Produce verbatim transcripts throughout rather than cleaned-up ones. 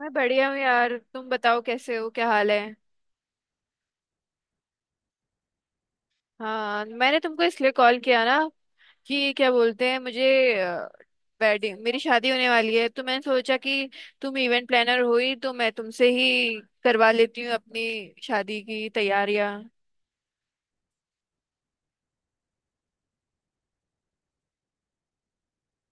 मैं बढ़िया हूँ यार। तुम बताओ कैसे हो, क्या हाल है? हाँ, मैंने तुमको इसलिए कॉल किया ना कि क्या बोलते हैं मुझे, वेडिंग, मेरी शादी होने वाली है तो मैंने सोचा कि तुम इवेंट प्लानर हुई तो मैं तुमसे ही करवा लेती हूँ अपनी शादी की तैयारियां।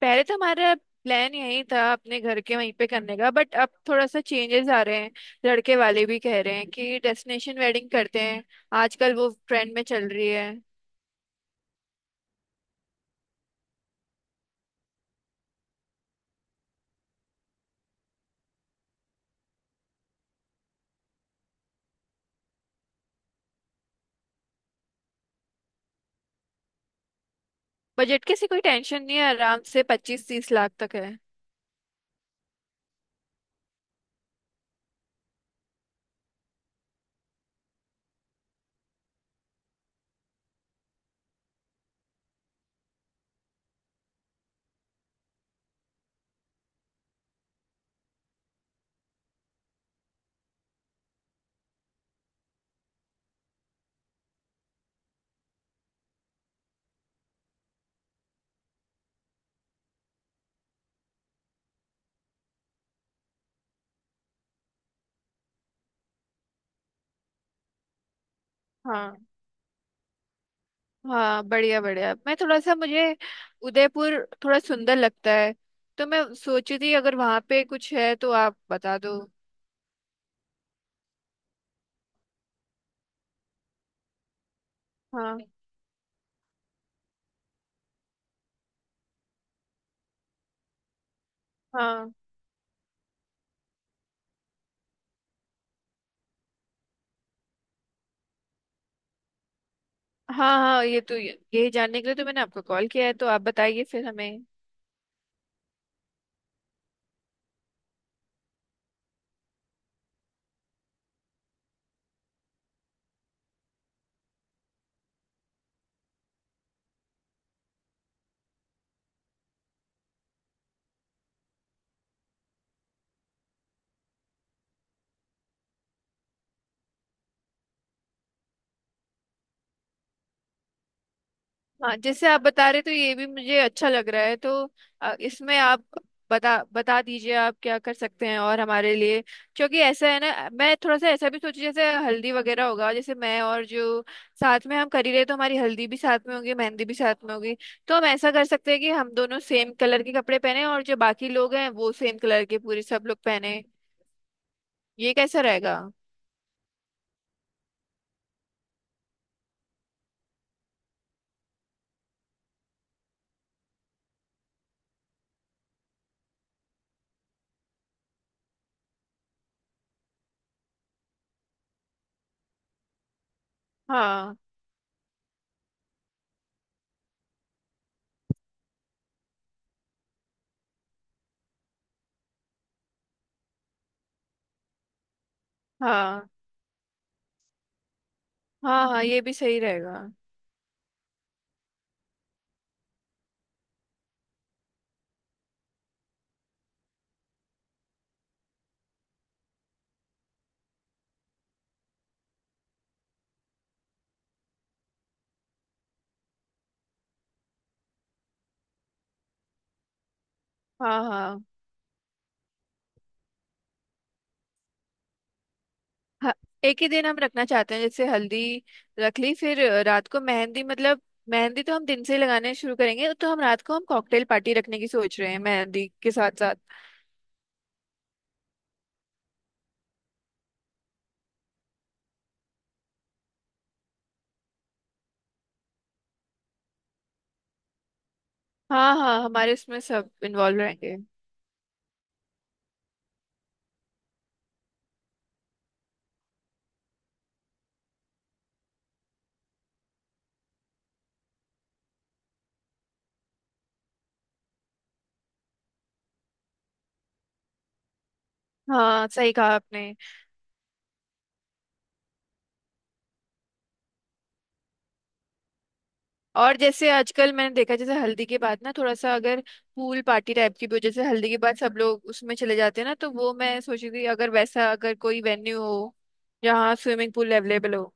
पहले तो हमारा प्लान यही था अपने घर के वहीं पे करने का, बट अब थोड़ा सा चेंजेस आ रहे हैं। लड़के वाले भी कह रहे हैं कि डेस्टिनेशन वेडिंग करते हैं, आजकल वो ट्रेंड में चल रही है। बजट की ऐसी कोई टेंशन नहीं है, आराम से पच्चीस तीस लाख तक है। हाँ। हाँ बढ़िया बढ़िया मैं थोड़ा सा, मुझे उदयपुर थोड़ा सुंदर लगता है, तो मैं सोची थी अगर वहाँ पे कुछ है तो आप बता दो। हाँ। हाँ। हाँ हाँ ये तो यही जानने के लिए तो मैंने आपको कॉल किया है, तो आप बताइए फिर हमें। हाँ, जैसे आप बता रहे तो ये भी मुझे अच्छा लग रहा है। तो अ, इसमें आप बता बता दीजिए आप क्या कर सकते हैं और हमारे लिए। क्योंकि ऐसा है ना, मैं थोड़ा सा ऐसा भी सोची, जैसे हल्दी वगैरह होगा, जैसे मैं और जो साथ में हम कर ही रहे, तो हमारी हल्दी भी साथ में होगी, मेहंदी भी साथ में होगी। तो हम ऐसा कर सकते हैं कि हम दोनों सेम कलर के कपड़े पहने, और जो बाकी लोग हैं वो सेम कलर के पूरे सब लोग पहने। ये कैसा रहेगा? हाँ हाँ। हाँ हाँ ये भी सही रहेगा। हाँ। हाँ हाँ, एक ही दिन हम रखना चाहते हैं, जैसे हल्दी रख ली फिर रात को मेहंदी, मतलब मेहंदी तो हम दिन से ही लगाने शुरू करेंगे, तो हम रात को हम कॉकटेल पार्टी रखने की सोच रहे हैं मेहंदी के साथ साथ। हाँ हाँ हमारे इसमें सब इन्वॉल्व रहेंगे। हाँ, सही कहा आपने। और जैसे आजकल मैंने देखा, जैसे हल्दी के बाद ना थोड़ा सा अगर पूल पार्टी टाइप की भी हो, जैसे हल्दी के बाद सब लोग उसमें चले जाते हैं ना, तो वो मैं सोची थी अगर वैसा, अगर कोई वेन्यू हो जहाँ स्विमिंग पूल अवेलेबल हो।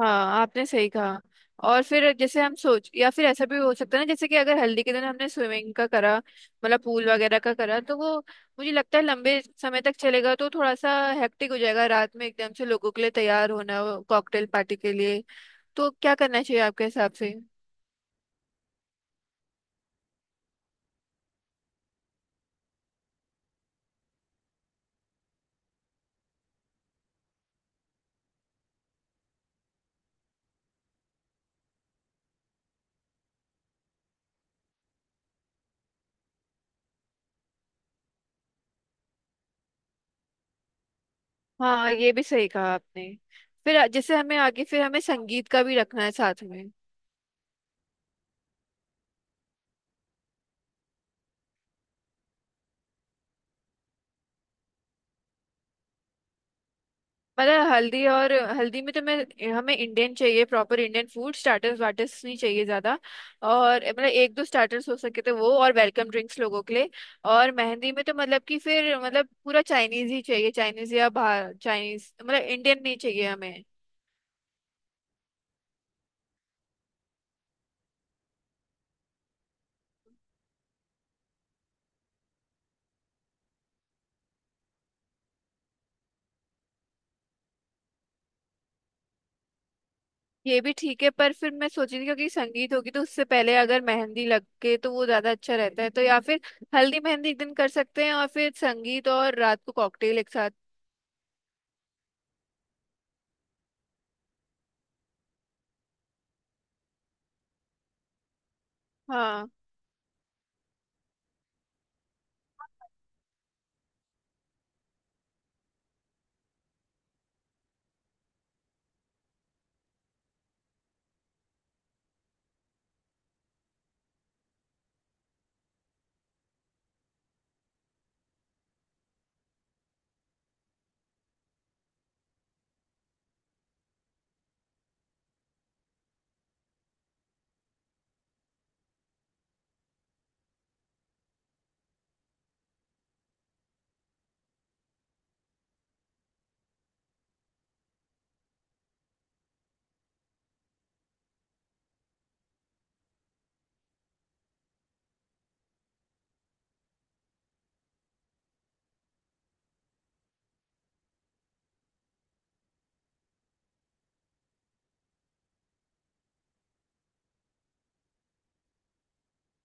हाँ, आपने सही कहा। और फिर जैसे हम सोच, या फिर ऐसा भी हो सकता है ना, जैसे कि अगर हल्दी के दिन हमने स्विमिंग का करा, मतलब पूल वगैरह का करा, तो वो मुझे लगता है लंबे समय तक चलेगा, तो थोड़ा सा हेक्टिक हो जाएगा रात में एकदम से लोगों के लिए तैयार होना कॉकटेल पार्टी के लिए। तो क्या करना चाहिए आपके हिसाब से? हाँ, ये भी सही कहा आपने। फिर जैसे हमें आगे फिर हमें संगीत का भी रखना है साथ में। मतलब हल्दी और हल्दी में तो मैं, हमें इंडियन चाहिए, proper Indian food, starters waters नहीं चाहिए ज्यादा, और मतलब एक दो स्टार्टर्स हो सके तो वो, और वेलकम ड्रिंक्स लोगों के लिए। और मेहंदी में तो मतलब कि फिर मतलब पूरा चाइनीज ही चाहिए, चाइनीज या बाहर, चाइनीज मतलब, इंडियन नहीं चाहिए हमें। ये भी ठीक है, पर फिर मैं सोच रही थी क्योंकि संगीत होगी, तो उससे पहले अगर मेहंदी लग के तो वो ज्यादा अच्छा रहता है। तो या फिर हल्दी मेहंदी एक दिन कर सकते हैं और फिर संगीत और रात को कॉकटेल एक साथ। हाँ,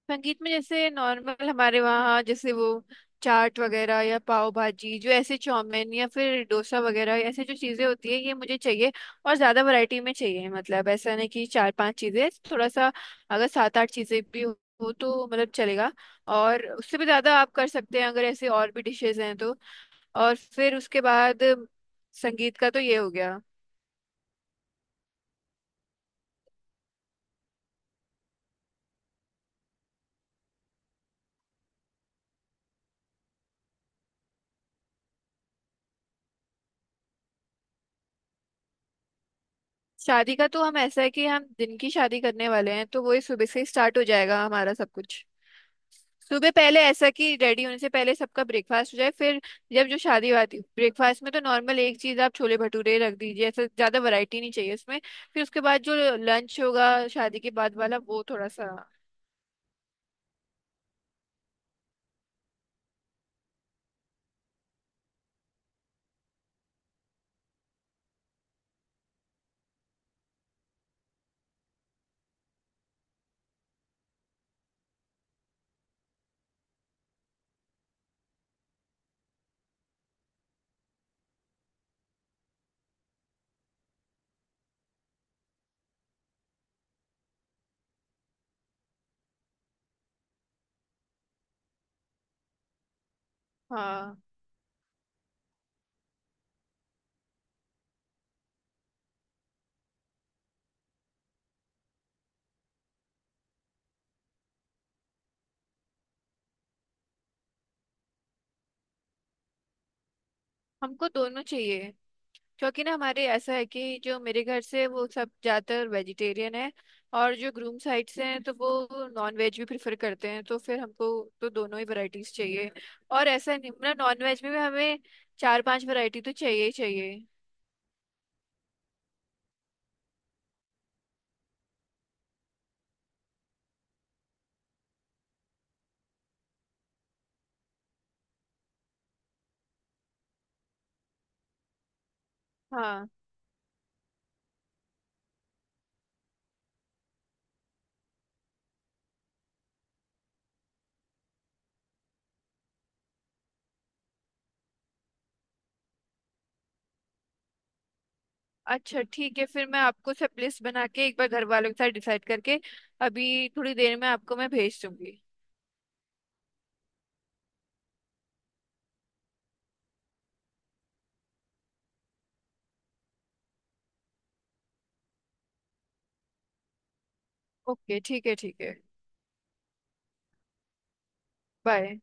संगीत में जैसे नॉर्मल हमारे वहाँ, जैसे वो चाट वगैरह या पाव भाजी, जो ऐसे चाउमीन या फिर डोसा वगैरह, ऐसे जो चीज़ें होती है ये मुझे चाहिए। और ज़्यादा वैरायटी में चाहिए, मतलब ऐसा नहीं कि चार पांच चीज़ें, थोड़ा सा, अगर सात आठ चीज़ें भी हो हो तो मतलब चलेगा। और उससे भी ज़्यादा आप कर सकते हैं, अगर ऐसे और भी डिशेज हैं तो। और फिर उसके बाद संगीत का तो ये हो गया। शादी का तो हम, ऐसा है कि हम दिन की शादी करने वाले हैं, तो वही सुबह से ही स्टार्ट हो जाएगा हमारा सब कुछ। सुबह पहले ऐसा कि रेडी होने से पहले सबका ब्रेकफास्ट हो जाए, फिर जब जो शादी वादी, ब्रेकफास्ट में तो नॉर्मल एक चीज आप छोले भटूरे रख दीजिए, ऐसा ज्यादा वैरायटी नहीं चाहिए उसमें। फिर उसके बाद जो लंच होगा शादी के बाद वाला वो थोड़ा सा। हाँ, हमको दोनों चाहिए। क्योंकि ना हमारे ऐसा है कि जो मेरे घर से वो सब ज्यादातर वेजिटेरियन है, और जो ग्रूम साइड से हैं तो वो नॉन वेज भी प्रेफर करते हैं, तो फिर हमको, तो दोनों ही वैरायटीज चाहिए। और ऐसा नहीं, मतलब नॉन वेज में भी हमें चार पांच वैरायटी तो चाहिए ही चाहिए। हाँ, अच्छा ठीक है। फिर मैं आपको सब लिस्ट बना के एक बार घर वालों के साथ डिसाइड करके अभी थोड़ी देर में आपको मैं भेज दूंगी। ओके, ठीक है ठीक है बाय।